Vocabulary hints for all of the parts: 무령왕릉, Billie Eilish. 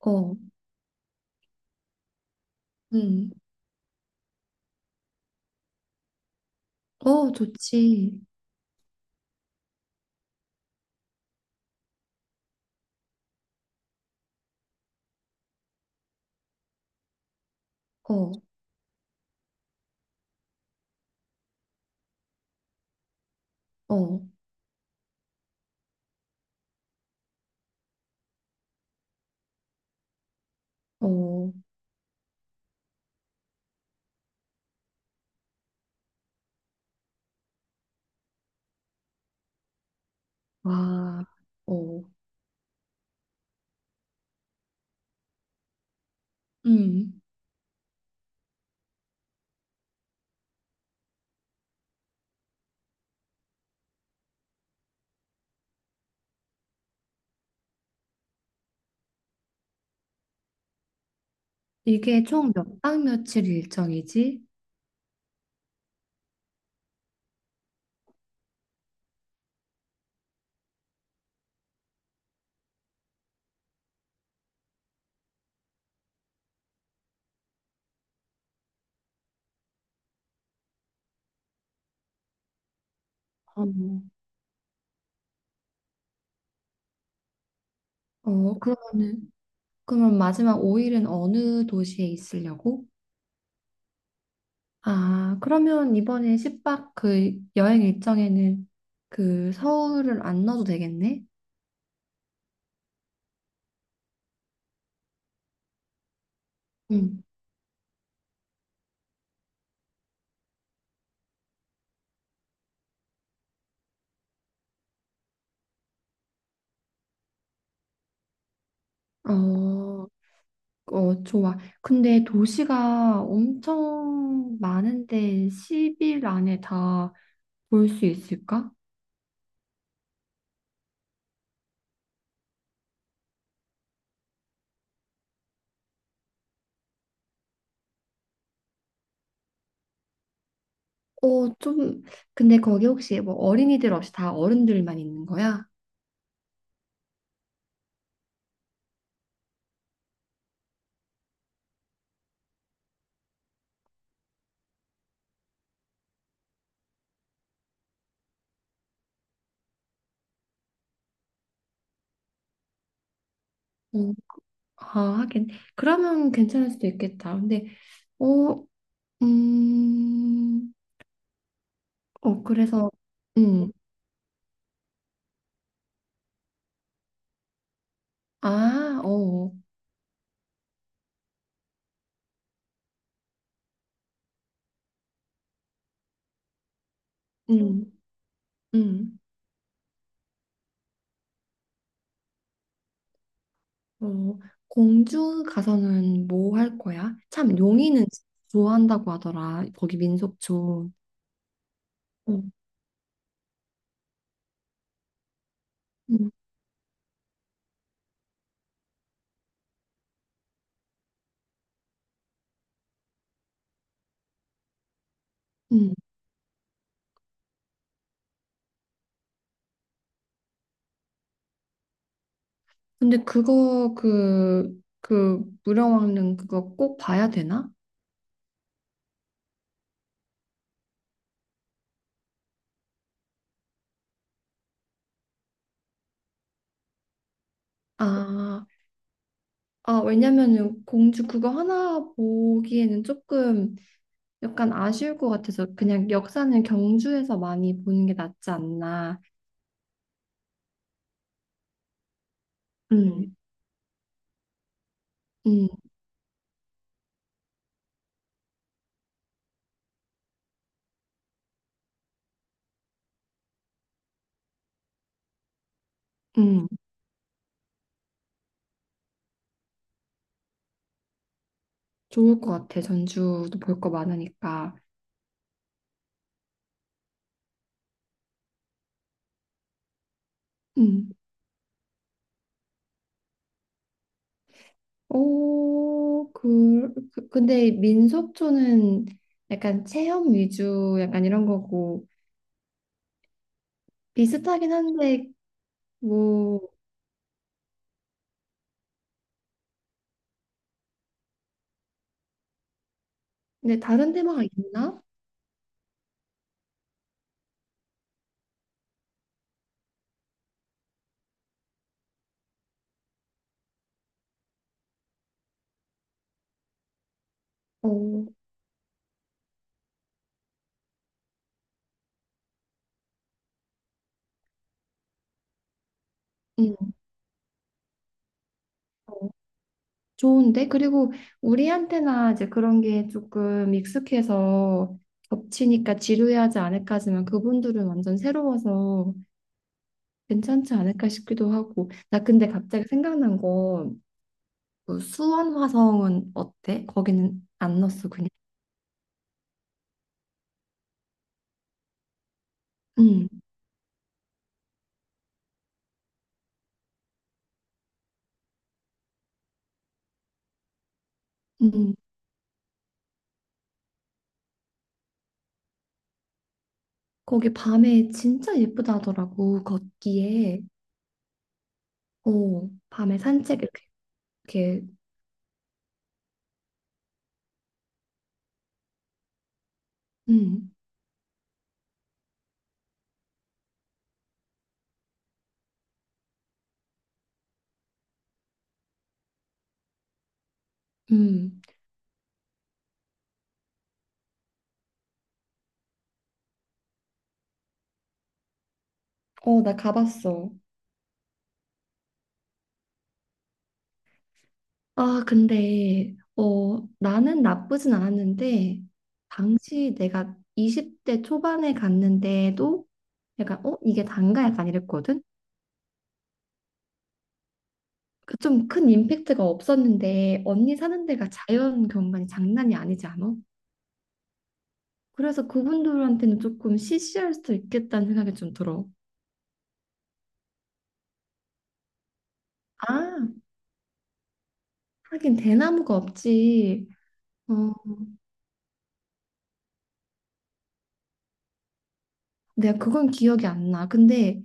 어, 음, 어, 좋지. 어, 어, 어, 와, 어, 음. 이게 총 몇 박 며칠 일정이지? 어, 어, 그럼 마지막 5일은 어느 도시에 있으려고? 아, 그러면 이번에 10박 그 여행 일정에는 그 서울을 안 넣어도 되겠네? 응, 어, 어, 좋아. 근데 도시가 엄청 많은데 10일 안에 다 볼 수 있을까? 어, 좀, 근데 거기 혹시 뭐 어린이들 없이 다 어른들만 있는 거야? 어, 아, 하긴. 그러면 괜찮을 수도 있겠다. 근데, 어, 음, 어, 그래서, 음, 아, 어, 어, 음, 음, 어, 공주 가서는 뭐 할 거야? 참, 용인은 좋아한다고 하더라. 거기 민속촌. 음, 음, 음. 근데 그거 그 무령왕릉 그거 꼭 봐야 되나? 아, 아 왜냐면은 공주 그거 하나 보기에는 조금 약간 아쉬울 것 같아서 그냥 역사는 경주에서 많이 보는 게 낫지 않나. 음, 음, 음. 좋을 것 같아. 전주도 볼 거 많으니까. 음. 오, 그 근데 민속촌은 약간 체험 위주 약간 이런 거고 비슷하긴 한데 뭐 근데 다른 테마가 있나? 어, 음, 어, 좋은데 그리고 우리한테나 이제 그런 게 조금 익숙해서 겹치니까 지루해하지 않을까지만 그분들은 완전 새로워서 괜찮지 않을까 싶기도 하고 나 근데 갑자기 생각난 거그 수원 화성은 어때? 거기는 안 넣었어 그냥. 음, 음. 거기 밤에 진짜 예쁘다더라고 걷기에. 어, 밤에 산책 이렇게 음, 음. 어, 나 가봤어. 아, 근데, 어, 나는 나쁘진 않았는데, 당시 내가 20대 초반에 갔는데도 약간, 어, 이게 단가 약간 이랬거든? 그 좀 큰 임팩트가 없었는데, 언니 사는 데가 자연 경관이 장난이 아니지 않아? 그래서 그분들한테는 조금 시시할 수도 있겠다는 생각이 좀 들어. 아, 하긴 대나무가 없지. 어, 내가 그건 기억이 안 나. 근데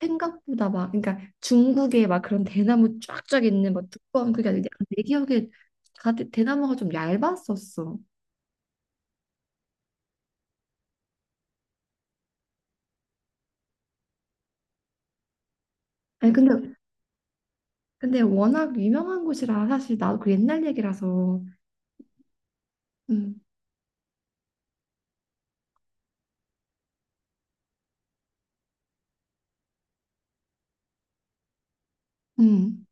생각보다 막 그러니까 중국에 막 그런 대나무 쫙쫙 있는 막 두꺼운 그게 아니라 내 기억에 다 대나무가 좀 얇았었어. 아니 근데 워낙 유명한 곳이라 사실 나도 그 옛날 얘기라서 음, 음.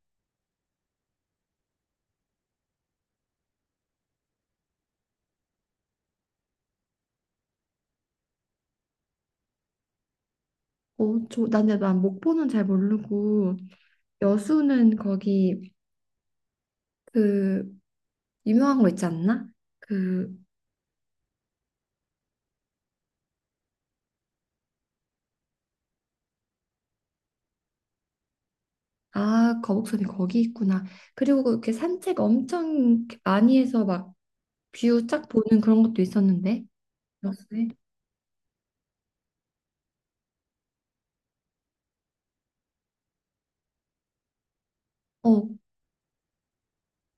어, 저, 난, 근데 난 목포는 잘 모르고 여수는 거기 그 유명한 거 있지 않나? 그 아 거북선이 거기 있구나. 그리고 이렇게 산책 엄청 많이 해서 막 뷰 쫙 보는 그런 것도 있었는데. 그렇요 어,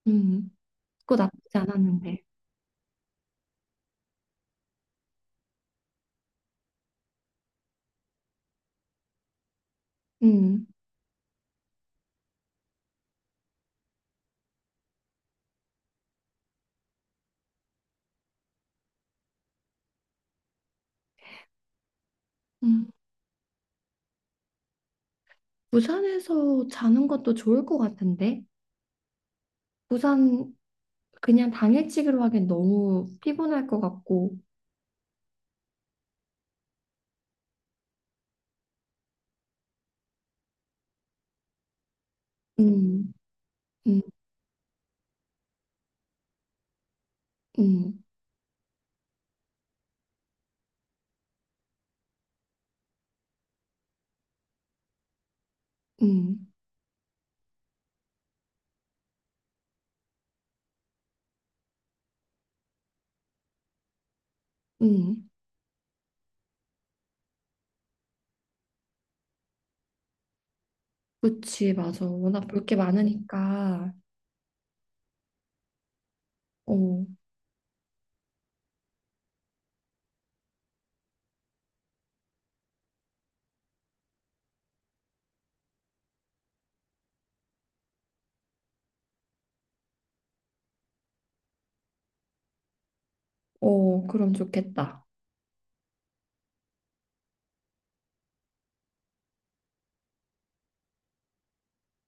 음, 그거 나쁘지 않았는데. 음, 음, 부산에서 자는 것도 좋을 것 같은데. 부산 그냥 당일치기로 하기엔 너무 피곤할 것 같고. 음, 음, 음, 음, 음. 그치, 맞아. 워낙 볼 게 많으니까. 어, 어, 그럼 좋겠다.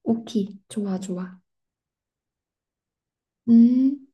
오케이, 좋아, 좋아. 음.